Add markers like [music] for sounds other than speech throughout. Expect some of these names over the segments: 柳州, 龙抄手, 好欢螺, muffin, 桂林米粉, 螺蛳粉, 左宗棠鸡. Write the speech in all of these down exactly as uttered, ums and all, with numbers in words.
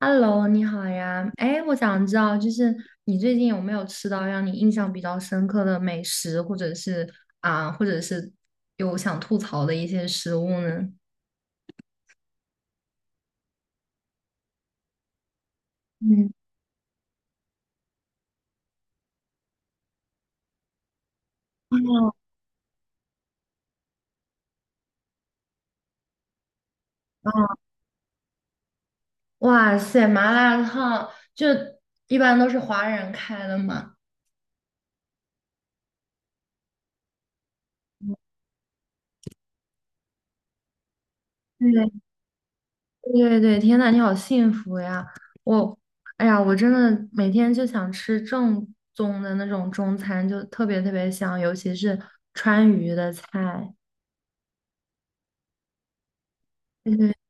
Hello，你好呀。哎，我想知道，就是你最近有没有吃到让你印象比较深刻的美食，或者是啊，或者是有想吐槽的一些食物呢？嗯，啊，哇塞，麻辣烫就一般都是华人开的嘛。对对对，天呐，你好幸福呀！我，哎呀，我真的每天就想吃正宗的那种中餐，就特别特别香，尤其是川渝的菜。[laughs]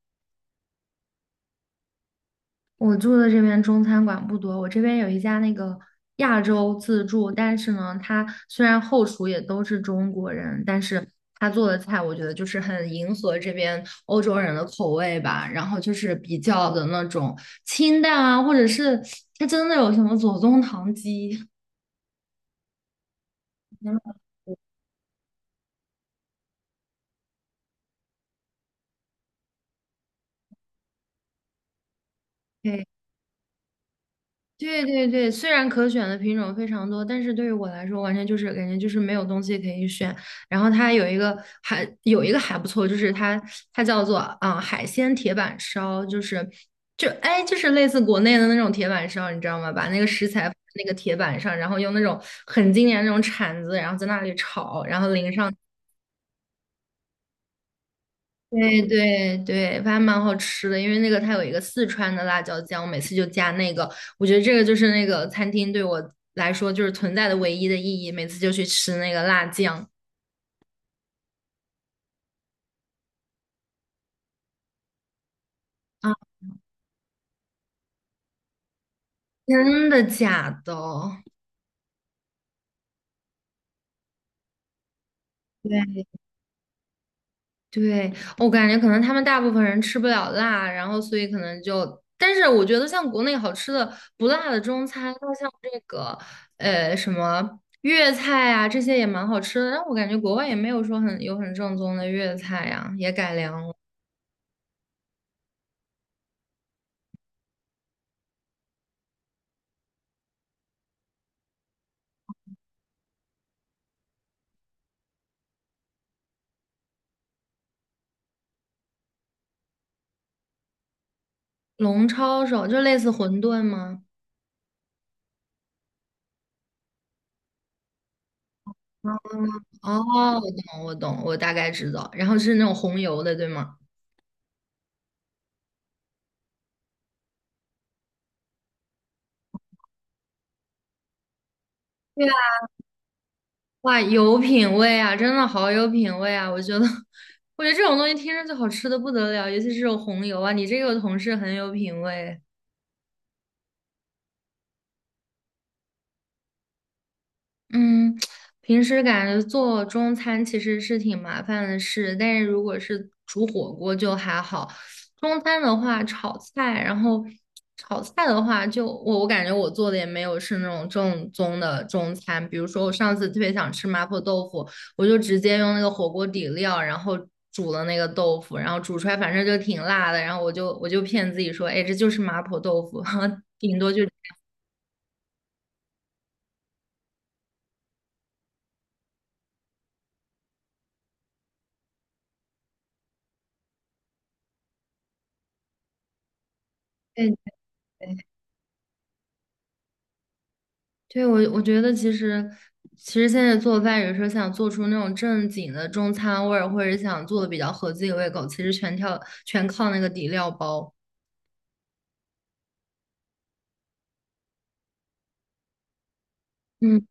我住的这边中餐馆不多，我这边有一家那个亚洲自助，但是呢，它虽然后厨也都是中国人，但是他做的菜我觉得就是很迎合这边欧洲人的口味吧，然后就是比较的那种清淡啊，或者是它真的有什么左宗棠鸡。[laughs] 对对对对，虽然可选的品种非常多，但是对于我来说，完全就是感觉就是没有东西可以选。然后它有一个还有一个还不错，就是它它叫做啊、呃海鲜铁板烧，就是就哎就是类似国内的那种铁板烧，你知道吗？把那个食材放在那个铁板上，然后用那种很经典的那种铲子，然后在那里炒，然后淋上。对对对，还蛮好吃的，因为那个它有一个四川的辣椒酱，我每次就加那个。我觉得这个就是那个餐厅对我来说就是存在的唯一的意义，每次就去吃那个辣酱。啊，真的假的？对对，我感觉可能他们大部分人吃不了辣，然后所以可能就，但是我觉得像国内好吃的不辣的中餐，那像这个呃什么粤菜啊这些也蛮好吃的，但我感觉国外也没有说很有很正宗的粤菜呀、也改良了。龙抄手就类似馄饨吗？哦，我懂，我懂，我大概知道。然后是那种红油的，对吗？哇，有品味啊，真的好有品味啊！我觉得，[laughs] 我觉得这种东西听着就好吃的不得了，尤其是这种红油啊，你这个同事很有品味。嗯，平时感觉做中餐其实是挺麻烦的事，但是如果是煮火锅就还好。中餐的话，炒菜，然后炒菜的话就，我我感觉我做的也没有是那种正宗的中餐。比如说，我上次特别想吃麻婆豆腐，我就直接用那个火锅底料，然后煮了那个豆腐，然后煮出来反正就挺辣的，然后我就我就骗自己说，哎，这就是麻婆豆腐，[laughs] 哈顶多就。对对，我我觉得其实，其实现在做饭，有时候想做出那种正经的中餐味儿，或者想做的比较合自己胃口，其实全跳全靠那个底料包。嗯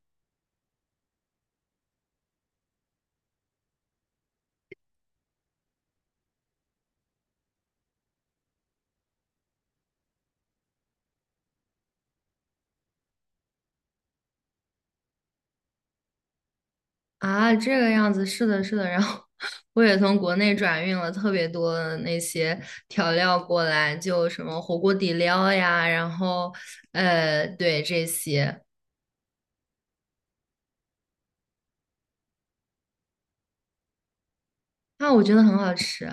啊，这个样子，是的，是的。然后 [laughs] 我也从国内转运了特别多的那些调料过来，就什么火锅底料呀，然后呃，对这些。啊，我觉得很好吃。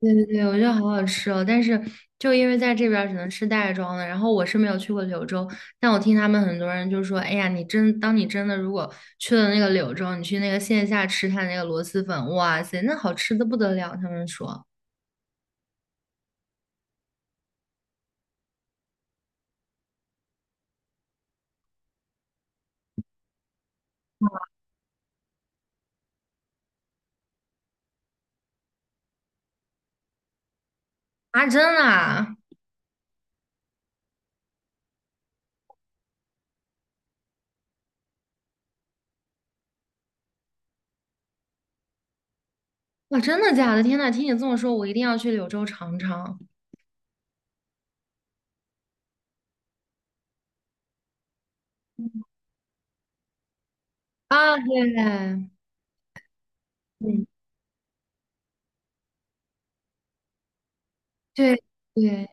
对对对，我觉得好好吃哦，但是就因为在这边儿只能吃袋装的，然后我是没有去过柳州，但我听他们很多人就说，哎呀，你真当你真的如果去了那个柳州，你去那个线下吃他那个螺蛳粉，哇塞，那好吃的不得了，他们说啊，真的啊，哇，真的假的？天呐，听你这么说，我一定要去柳州尝尝。啊！对，嗯，对对，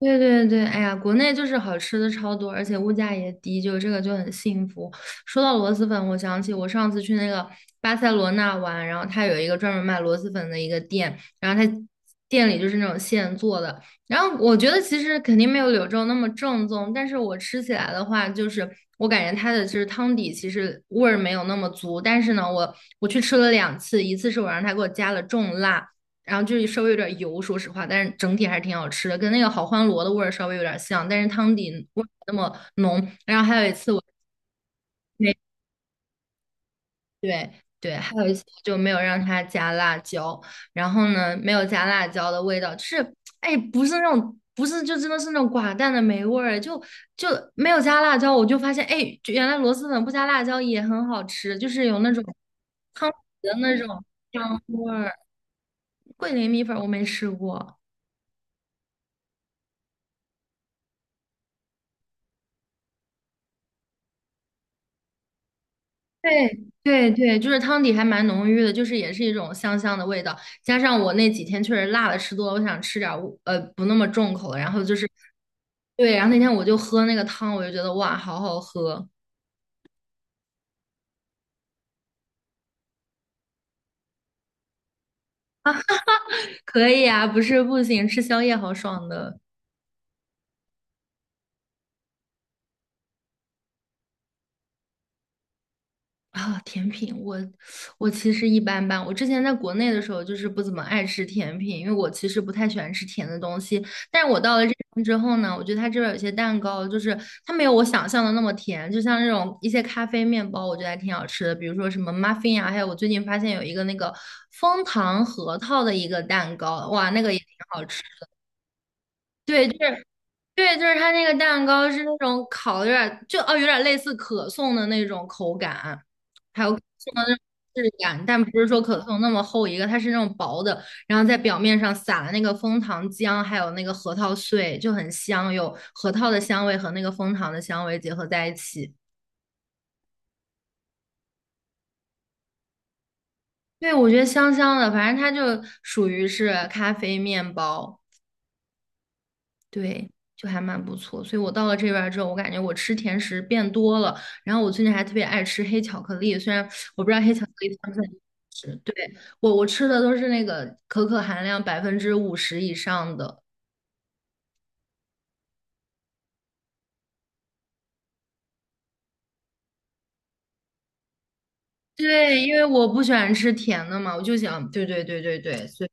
对对对，哎呀，国内就是好吃的超多，而且物价也低，就这个就很幸福。说到螺蛳粉，我想起我上次去那个巴塞罗那玩，然后它有一个专门卖螺蛳粉的一个店，然后它店里就是那种现做的，然后我觉得其实肯定没有柳州那么正宗，但是我吃起来的话，就是我感觉它的就是汤底其实味儿没有那么足，但是呢，我我去吃了两次，一次是我让他给我加了重辣。然后就是稍微有点油，说实话，但是整体还是挺好吃的，跟那个好欢螺的味儿稍微有点像，但是汤底味儿没那么浓。然后还有一次我没对对，还有一次我就没有让他加辣椒，然后呢没有加辣椒的味道，就是哎不是那种不是就真的是那种寡淡的没味儿，就就没有加辣椒，我就发现哎就原来螺蛳粉不加辣椒也很好吃，就是有那种汤底的那种香味儿。桂林米粉我没吃过。对对对，就是汤底还蛮浓郁的，就是也是一种香香的味道。加上我那几天确实辣的吃多了，我想吃点儿呃不那么重口的。然后就是，对，然后那天我就喝那个汤，我就觉得哇，好好喝。[laughs] 可以啊，不是不行，吃宵夜好爽的。啊，甜品，我我其实一般般。我之前在国内的时候，就是不怎么爱吃甜品，因为我其实不太喜欢吃甜的东西。但是我到了这边之后呢，我觉得它这边有些蛋糕，就是它没有我想象的那么甜，就像这种一些咖啡面包，我觉得还挺好吃的，比如说什么 muffin 啊，还有我最近发现有一个那个枫糖核桃的一个蛋糕，哇，那个也挺好吃。对，就是对，就是它那个蛋糕是那种烤的有点就哦，有点类似可颂的那种口感，还有可颂的那种质感，但不是说可颂那么厚一个，它是那种薄的，然后在表面上撒了那个枫糖浆，还有那个核桃碎，就很香，有核桃的香味和那个枫糖的香味结合在一起。对，我觉得香香的，反正它就属于是咖啡面包。对，就还蛮不错。所以我到了这边儿之后，我感觉我吃甜食变多了，然后我最近还特别爱吃黑巧克力，虽然我不知道黑巧克力算不算甜食，对，我我吃的都是那个可可含量百分之五十以上的。对，因为我不喜欢吃甜的嘛，我就想，对对对对对，所以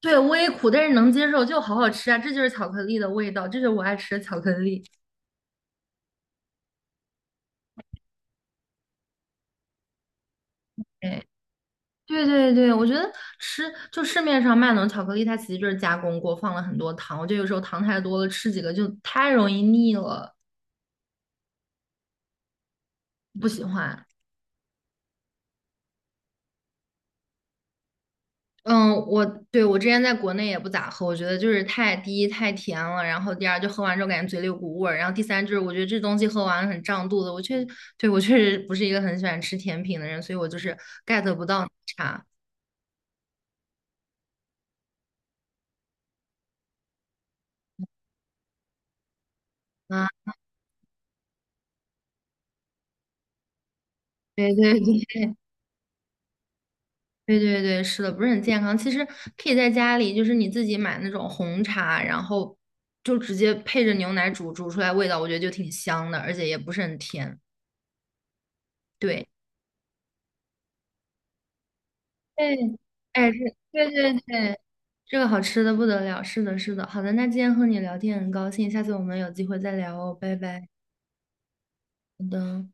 对微苦，但是能接受，就好好吃啊，这就是巧克力的味道，这就是我爱吃的巧克力。对。对对对，我觉得吃就市面上卖那种巧克力，它其实就是加工过，放了很多糖。我觉得有时候糖太多了，吃几个就太容易腻了，不喜欢。嗯，我对我之前在国内也不咋喝，我觉得就是太第一太甜了，然后第二就喝完之后感觉嘴里有股味儿，然后第三就是我觉得这东西喝完了很胀肚子。我确对我确实不是一个很喜欢吃甜品的人，所以我就是 get 不到奶茶。啊，对对对，对对对，是的，不是很健康。其实可以在家里，就是你自己买那种红茶，然后就直接配着牛奶煮，煮出来味道我觉得就挺香的，而且也不是很甜。对，对，哎，是，对对对，这个好吃的不得了。是的，是的。好的，那今天和你聊天很高兴，下次我们有机会再聊哦，拜拜。好的。